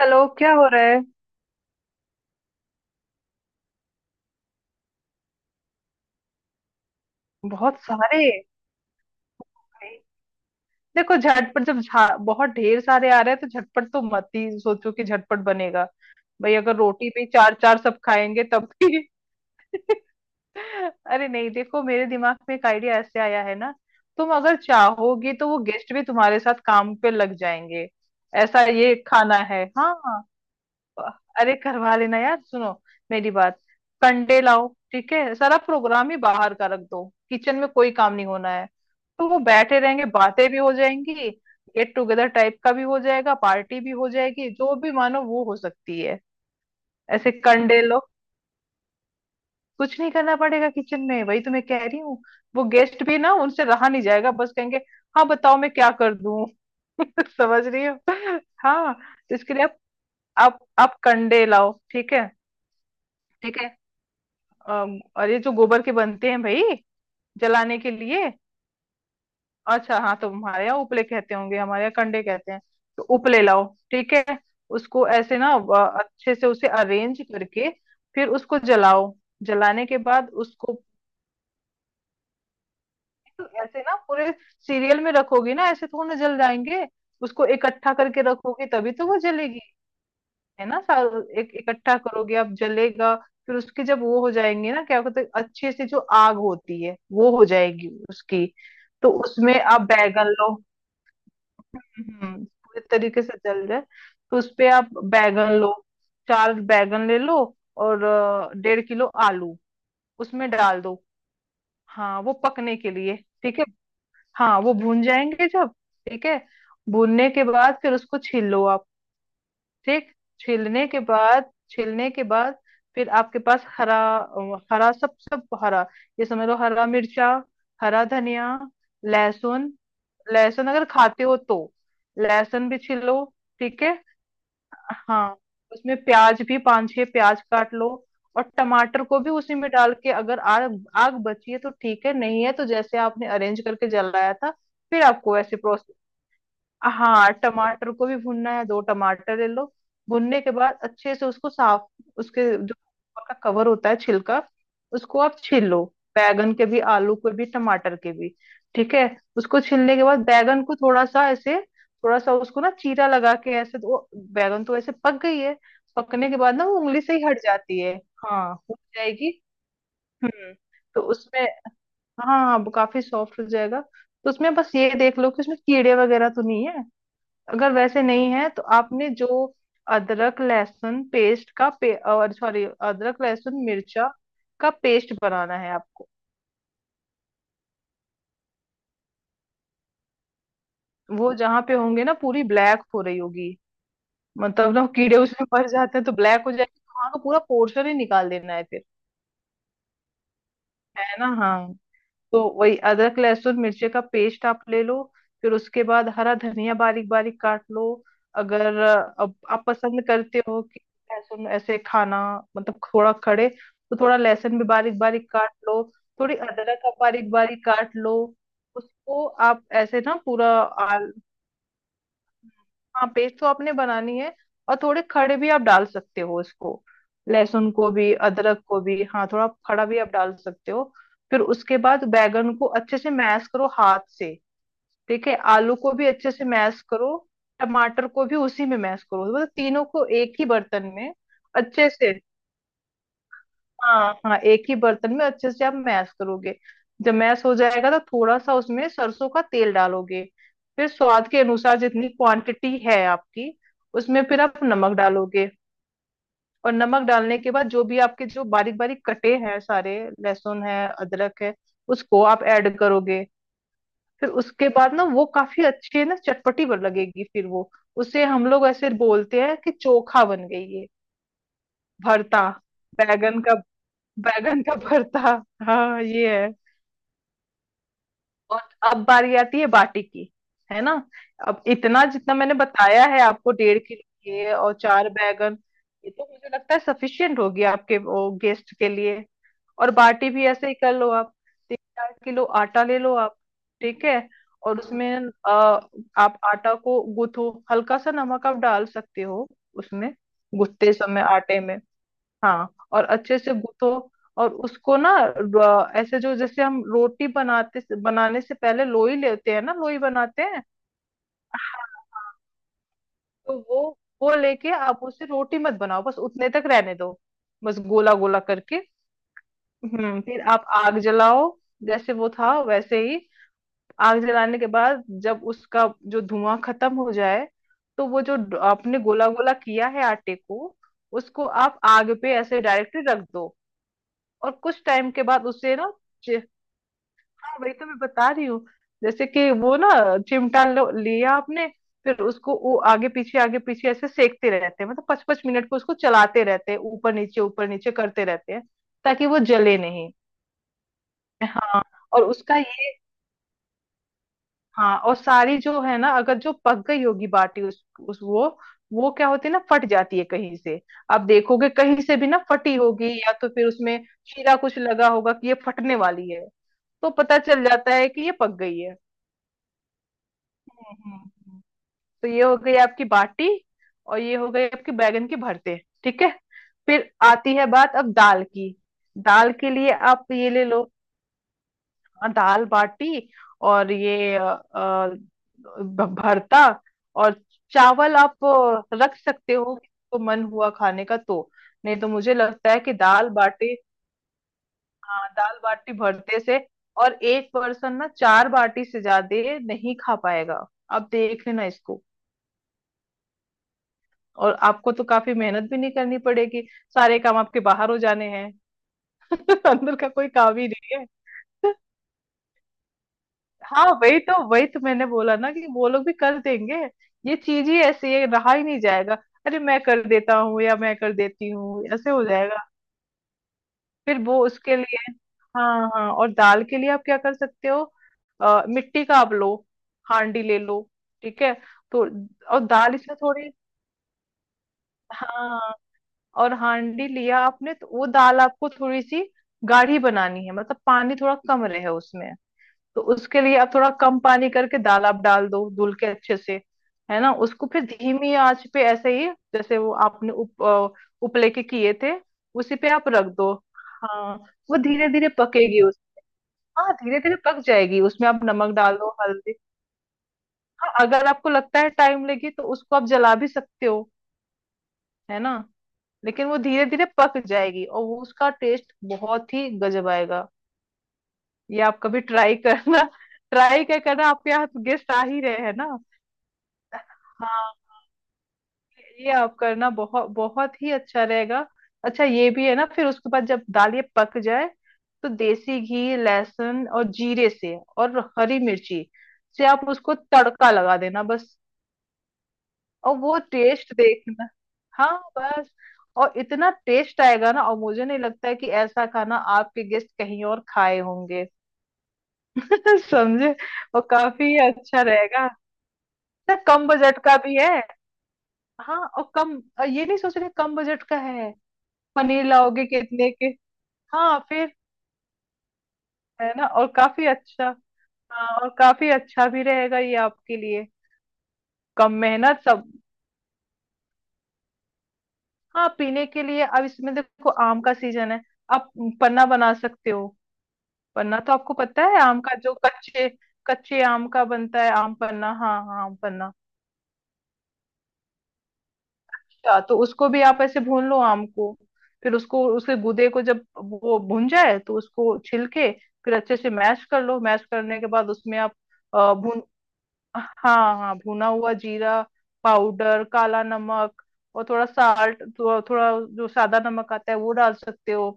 चलो, क्या हो रहा है। बहुत सारे। देखो झटपट जब बहुत ढेर सारे आ रहे हैं तो झटपट तो मत ही सोचो कि झटपट बनेगा। भाई अगर रोटी भी चार चार सब खाएंगे तब भी। अरे नहीं देखो, मेरे दिमाग में एक आइडिया ऐसे आया है ना। तुम अगर चाहोगी तो वो गेस्ट भी तुम्हारे साथ काम पे लग जाएंगे। ऐसा ये खाना है, हाँ। अरे करवा लेना यार, सुनो मेरी बात। कंडे लाओ, ठीक है। सारा प्रोग्राम ही बाहर का रख दो। किचन में कोई काम नहीं होना है। तो वो बैठे रहेंगे, बातें भी हो जाएंगी। गेट टुगेदर टाइप का भी हो जाएगा, पार्टी भी हो जाएगी, जो भी मानो वो हो सकती है। ऐसे कंडे लो। कुछ नहीं करना पड़ेगा किचन में, वही तो मैं कह रही हूँ। वो गेस्ट भी ना, उनसे रहा नहीं जाएगा, बस कहेंगे हाँ बताओ मैं क्या कर दूं। समझ रही हो। हाँ। तो इसके लिए आप आप कंडे लाओ, ठीक है। ठीक है। और ये जो गोबर के बनते हैं भाई, जलाने के लिए। अच्छा हाँ, तो हमारे यहाँ उपले कहते होंगे, हमारे यहाँ कंडे कहते हैं। तो उपले लाओ, ठीक है। उसको ऐसे ना अच्छे से उसे अरेंज करके, फिर उसको जलाओ। जलाने के बाद उसको ऐसे ना पूरे सीरियल में रखोगी ना, ऐसे थोड़ा जल जाएंगे। उसको इकट्ठा करके रखोगी तभी तो वो जलेगी। है ना, सारा एक इकट्ठा करोगे आप, जलेगा। फिर उसके, जब वो हो जाएंगे ना, क्या कहते हैं, अच्छे से जो आग होती है वो हो जाएगी उसकी। तो उसमें आप बैगन लो। हम्म, पूरे तरीके से जल जाए। तो उसपे आप बैगन लो, चार बैगन ले लो, और 1.5 किलो आलू उसमें डाल दो। हाँ, वो पकने के लिए, ठीक है। हाँ, वो भून जाएंगे जब, ठीक है। भूनने के बाद फिर उसको छील लो आप, ठीक। छीलने के बाद फिर आपके पास हरा, हरा सब, सब हरा, ये समझ लो, हरा मिर्चा, हरा धनिया, लहसुन। लहसुन अगर खाते हो तो लहसुन भी छीलो, ठीक है। हाँ। उसमें प्याज भी पांच छह प्याज काट लो। और टमाटर को भी उसी में डाल के, अगर आग आग बची है तो ठीक है, नहीं है तो जैसे आपने अरेंज करके जलाया था, फिर आपको वैसे प्रोसेस। हाँ, टमाटर को भी भूनना है, दो टमाटर ले लो। भुनने के बाद अच्छे से उसको साफ, उसके जो ऊपर का कवर होता है, छिलका, उसको आप छील लो। बैगन के भी, आलू के भी, टमाटर के भी, ठीक है। उसको छीलने के बाद बैगन को थोड़ा सा ऐसे, थोड़ा सा उसको ना चीरा लगा के, ऐसे तो वो बैगन तो ऐसे पक गई है। पकने के बाद ना वो उंगली से ही हट जाती है। हाँ, हो जाएगी। हम्म। तो उसमें, हाँ हाँ, वो काफी सॉफ्ट हो जाएगा। तो उसमें बस ये देख लो कि उसमें कीड़े वगैरह तो नहीं है। अगर वैसे नहीं है तो आपने जो अदरक लहसुन और सॉरी, अदरक लहसुन मिर्चा का पेस्ट बनाना है आपको। वो जहां पे होंगे ना, पूरी ब्लैक हो रही होगी। मतलब ना कीड़े उसमें मर जाते हैं तो ब्लैक हो जाएगी, तो वहां का पूरा पोर्शन ही निकाल देना है फिर, है ना। हाँ। तो वही अदरक लहसुन मिर्ची का पेस्ट आप ले लो। फिर उसके बाद हरा धनिया बारीक बारीक काट लो। अगर अब आप पसंद करते हो कि लहसुन ऐसे खाना, मतलब थोड़ा खड़े, तो थोड़ा लहसुन भी बारीक बारीक काट लो। थोड़ी अदरक आप बारीक बारीक काट लो। उसको आप ऐसे ना पूरा आल हाँ, पेस्ट तो आपने बनानी है, और थोड़े खड़े भी आप डाल सकते हो इसको, लहसुन को भी अदरक को भी। हाँ, थोड़ा खड़ा भी आप डाल सकते हो। फिर उसके बाद बैगन को अच्छे से मैश करो हाथ से, ठीक है। आलू को भी अच्छे से मैश करो। टमाटर को भी उसी में मैश करो, मतलब तीनों को एक ही बर्तन में अच्छे से। हाँ हाँ, एक ही बर्तन में अच्छे से आप मैश करोगे। जब मैश हो जाएगा तो थोड़ा सा उसमें सरसों का तेल डालोगे। फिर स्वाद के अनुसार जितनी क्वांटिटी है आपकी, उसमें फिर आप नमक डालोगे। और नमक डालने के बाद जो भी आपके जो बारीक बारीक कटे हैं सारे, लहसुन है, अदरक है, उसको आप ऐड करोगे। फिर उसके बाद ना वो काफी अच्छे ना चटपटी बन लगेगी, फिर वो, उसे हम लोग ऐसे बोलते हैं कि चोखा बन गई ये, भरता, बैगन का, बैगन का भरता। हाँ, ये है। और अब बारी आती है बाटी की, है ना। अब इतना जितना मैंने बताया है आपको, 1.5 किलो ये और चार बैगन, ये तो मुझे लगता है सफिशियंट होगी आपके वो गेस्ट के लिए। और बाटी भी ऐसे ही कर लो आप। 3-4 किलो आटा ले लो आप, ठीक है। और उसमें आप आटा को गूथो, हल्का सा नमक आप डाल सकते हो उसमें, गूथते समय आटे में। हाँ, और अच्छे से गूथो। और उसको ना, ऐसे जो, जैसे हम रोटी बनाते बनाने से पहले लोई लेते हैं ना, लोई बनाते हैं। हाँ, हाँ। तो वो लेके आप उसे रोटी मत बनाओ, बस उतने तक रहने दो, बस गोला गोला करके। हम्म। फिर आप आग जलाओ, जैसे वो था वैसे ही। आग जलाने के बाद जब उसका जो धुआं खत्म हो जाए, तो वो जो आपने गोला गोला किया है आटे को, उसको आप आग पे ऐसे डायरेक्टली रख दो। और कुछ टाइम के बाद उसे ना, चि- हाँ, वही तो मैं बता रही हूँ। जैसे कि वो ना, चिमटा लिया आपने, फिर उसको वो आगे पीछे ऐसे सेकते रहते हैं, मतलब पाँच पाँच मिनट को उसको चलाते रहते हैं, ऊपर नीचे करते रहते हैं, ताकि वो जले नहीं। हाँ, और उसका ये, हाँ, और सारी जो है ना, अगर जो पक गई होगी बाटी, उस वो क्या होती है ना, फट जाती है कहीं से। आप देखोगे कहीं से भी ना फटी होगी, या तो फिर उसमें शीरा कुछ लगा होगा कि ये फटने वाली है। तो पता चल जाता है कि ये पक गई है। हम्म, हम्म, हम्म। तो ये हो गई आपकी बाटी, और ये हो गई आपकी बैगन की भरते, ठीक है। फिर आती है बात अब दाल की। दाल के लिए आप ये ले लो, दाल बाटी और ये भरता। और चावल आप रख सकते हो, तो मन हुआ खाने का तो, नहीं तो मुझे लगता है कि दाल बाटी। हाँ, दाल बाटी भरते से। और एक पर्सन ना चार बाटी से ज्यादा नहीं खा पाएगा, आप देख लेना इसको। और आपको तो काफी मेहनत भी नहीं करनी पड़ेगी, सारे काम आपके बाहर हो जाने हैं। अंदर का कोई काम ही नहीं है। हाँ, वही तो मैंने बोला ना कि वो लोग भी कर देंगे। ये चीज ही ऐसी है, रहा ही नहीं जाएगा। अरे मैं कर देता हूँ या मैं कर देती हूँ, ऐसे हो जाएगा। फिर वो उसके लिए, हाँ हाँ, और दाल के लिए आप क्या कर सकते हो, मिट्टी का आप लो, हांडी ले लो, ठीक है। तो और दाल इसमें थोड़ी, हाँ, और हांडी लिया आपने तो वो दाल आपको थोड़ी सी गाढ़ी बनानी है, मतलब पानी थोड़ा कम रहे उसमें। तो उसके लिए आप थोड़ा कम पानी करके दाल आप डाल दो धुल के अच्छे से, है ना। उसको फिर धीमी आंच पे ऐसे ही, जैसे वो आपने उपले के किए थे, उसी पे आप रख दो। हाँ, वो धीरे धीरे पकेगी उस हाँ, धीरे धीरे पक जाएगी, उसमें आप नमक डाल दो, हल्दी। हाँ, अगर आपको लगता है टाइम लगी तो उसको आप जला भी सकते हो, है ना। लेकिन वो धीरे धीरे पक जाएगी और वो, उसका टेस्ट बहुत ही गजब आएगा। ये आप कभी ट्राई करना। ट्राई क्या करना, आपके हाथ गेस्ट आ ही रहे हैं ना। हाँ, ये आप करना, बहुत बहुत ही अच्छा रहेगा। अच्छा ये भी है ना, फिर उसके बाद जब दाल ये पक जाए, तो देसी घी, लहसुन और जीरे से और हरी मिर्ची से आप उसको तड़का लगा देना बस। और वो टेस्ट देखना। हाँ, बस। और इतना टेस्ट आएगा ना, और मुझे नहीं लगता है कि ऐसा खाना आपके गेस्ट कहीं और खाए होंगे। समझे, और काफी अच्छा रहेगा ना, कम बजट का भी है। हाँ, और कम, ये नहीं सोच रहे कम बजट का है, पनीर लाओगे कितने के। हाँ, फिर है ना, और काफी अच्छा। हाँ, और काफी अच्छा भी रहेगा ये आपके लिए, कम मेहनत सब। हाँ, पीने के लिए अब इसमें देखो, आम का सीजन है, आप पन्ना बना सकते हो। पन्ना तो आपको पता है, आम का जो कच्चे, कच्चे आम का बनता है आम पन्ना। हाँ हाँ, आम पन्ना। अच्छा, तो उसको भी आप ऐसे भून लो, आम को। फिर उसको, उसके गूदे को जब वो भून जाए तो उसको छिल के फिर अच्छे से मैश कर लो। मैश करने के बाद उसमें आप अ, भून हाँ हाँ, भुना हुआ जीरा पाउडर, काला नमक, और थोड़ा साल्ट, थोड़ा थोड़ा जो सादा नमक आता है वो डाल सकते हो।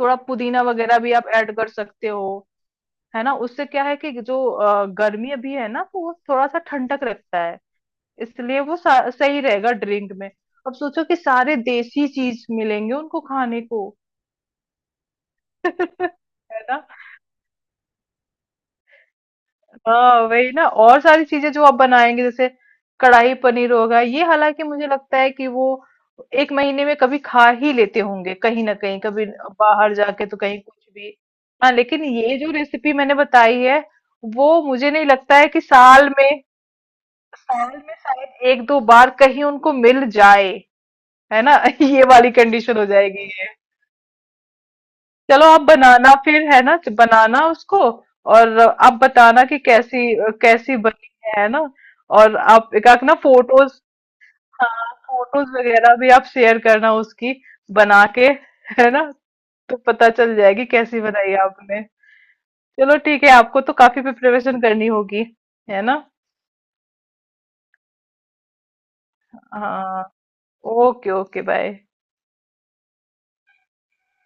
थोड़ा पुदीना वगैरह भी आप ऐड कर सकते हो, है ना। उससे क्या है कि जो गर्मी अभी है ना, तो वो थोड़ा सा ठंडक रखता है, इसलिए वो सही रहेगा ड्रिंक में। अब सोचो कि सारे देसी चीज मिलेंगे उनको खाने को। है ना। हाँ, वही ना, और सारी चीजें जो आप बनाएंगे, जैसे कढ़ाई पनीर होगा, ये हालांकि मुझे लगता है कि वो एक महीने में कभी खा ही लेते होंगे, कहीं ना कहीं कभी बाहर जाके तो, कहीं कुछ भी। हाँ, लेकिन ये जो रेसिपी मैंने बताई है, वो मुझे नहीं लगता है कि साल में, शायद एक दो बार कहीं उनको मिल जाए, है ना। ये वाली कंडीशन हो जाएगी। चलो, आप बनाना फिर, है ना, बनाना उसको। और आप बताना कि कैसी, कैसी बनी है ना। और आप एक आध ना फोटोज, हाँ, फोटोज वगैरह भी आप शेयर करना उसकी, बना के, है ना। तो पता चल जाएगी कैसी बनाई आपने। चलो ठीक है, आपको तो काफी प्रिपरेशन करनी होगी, है ना। हाँ। Okay okay, bye.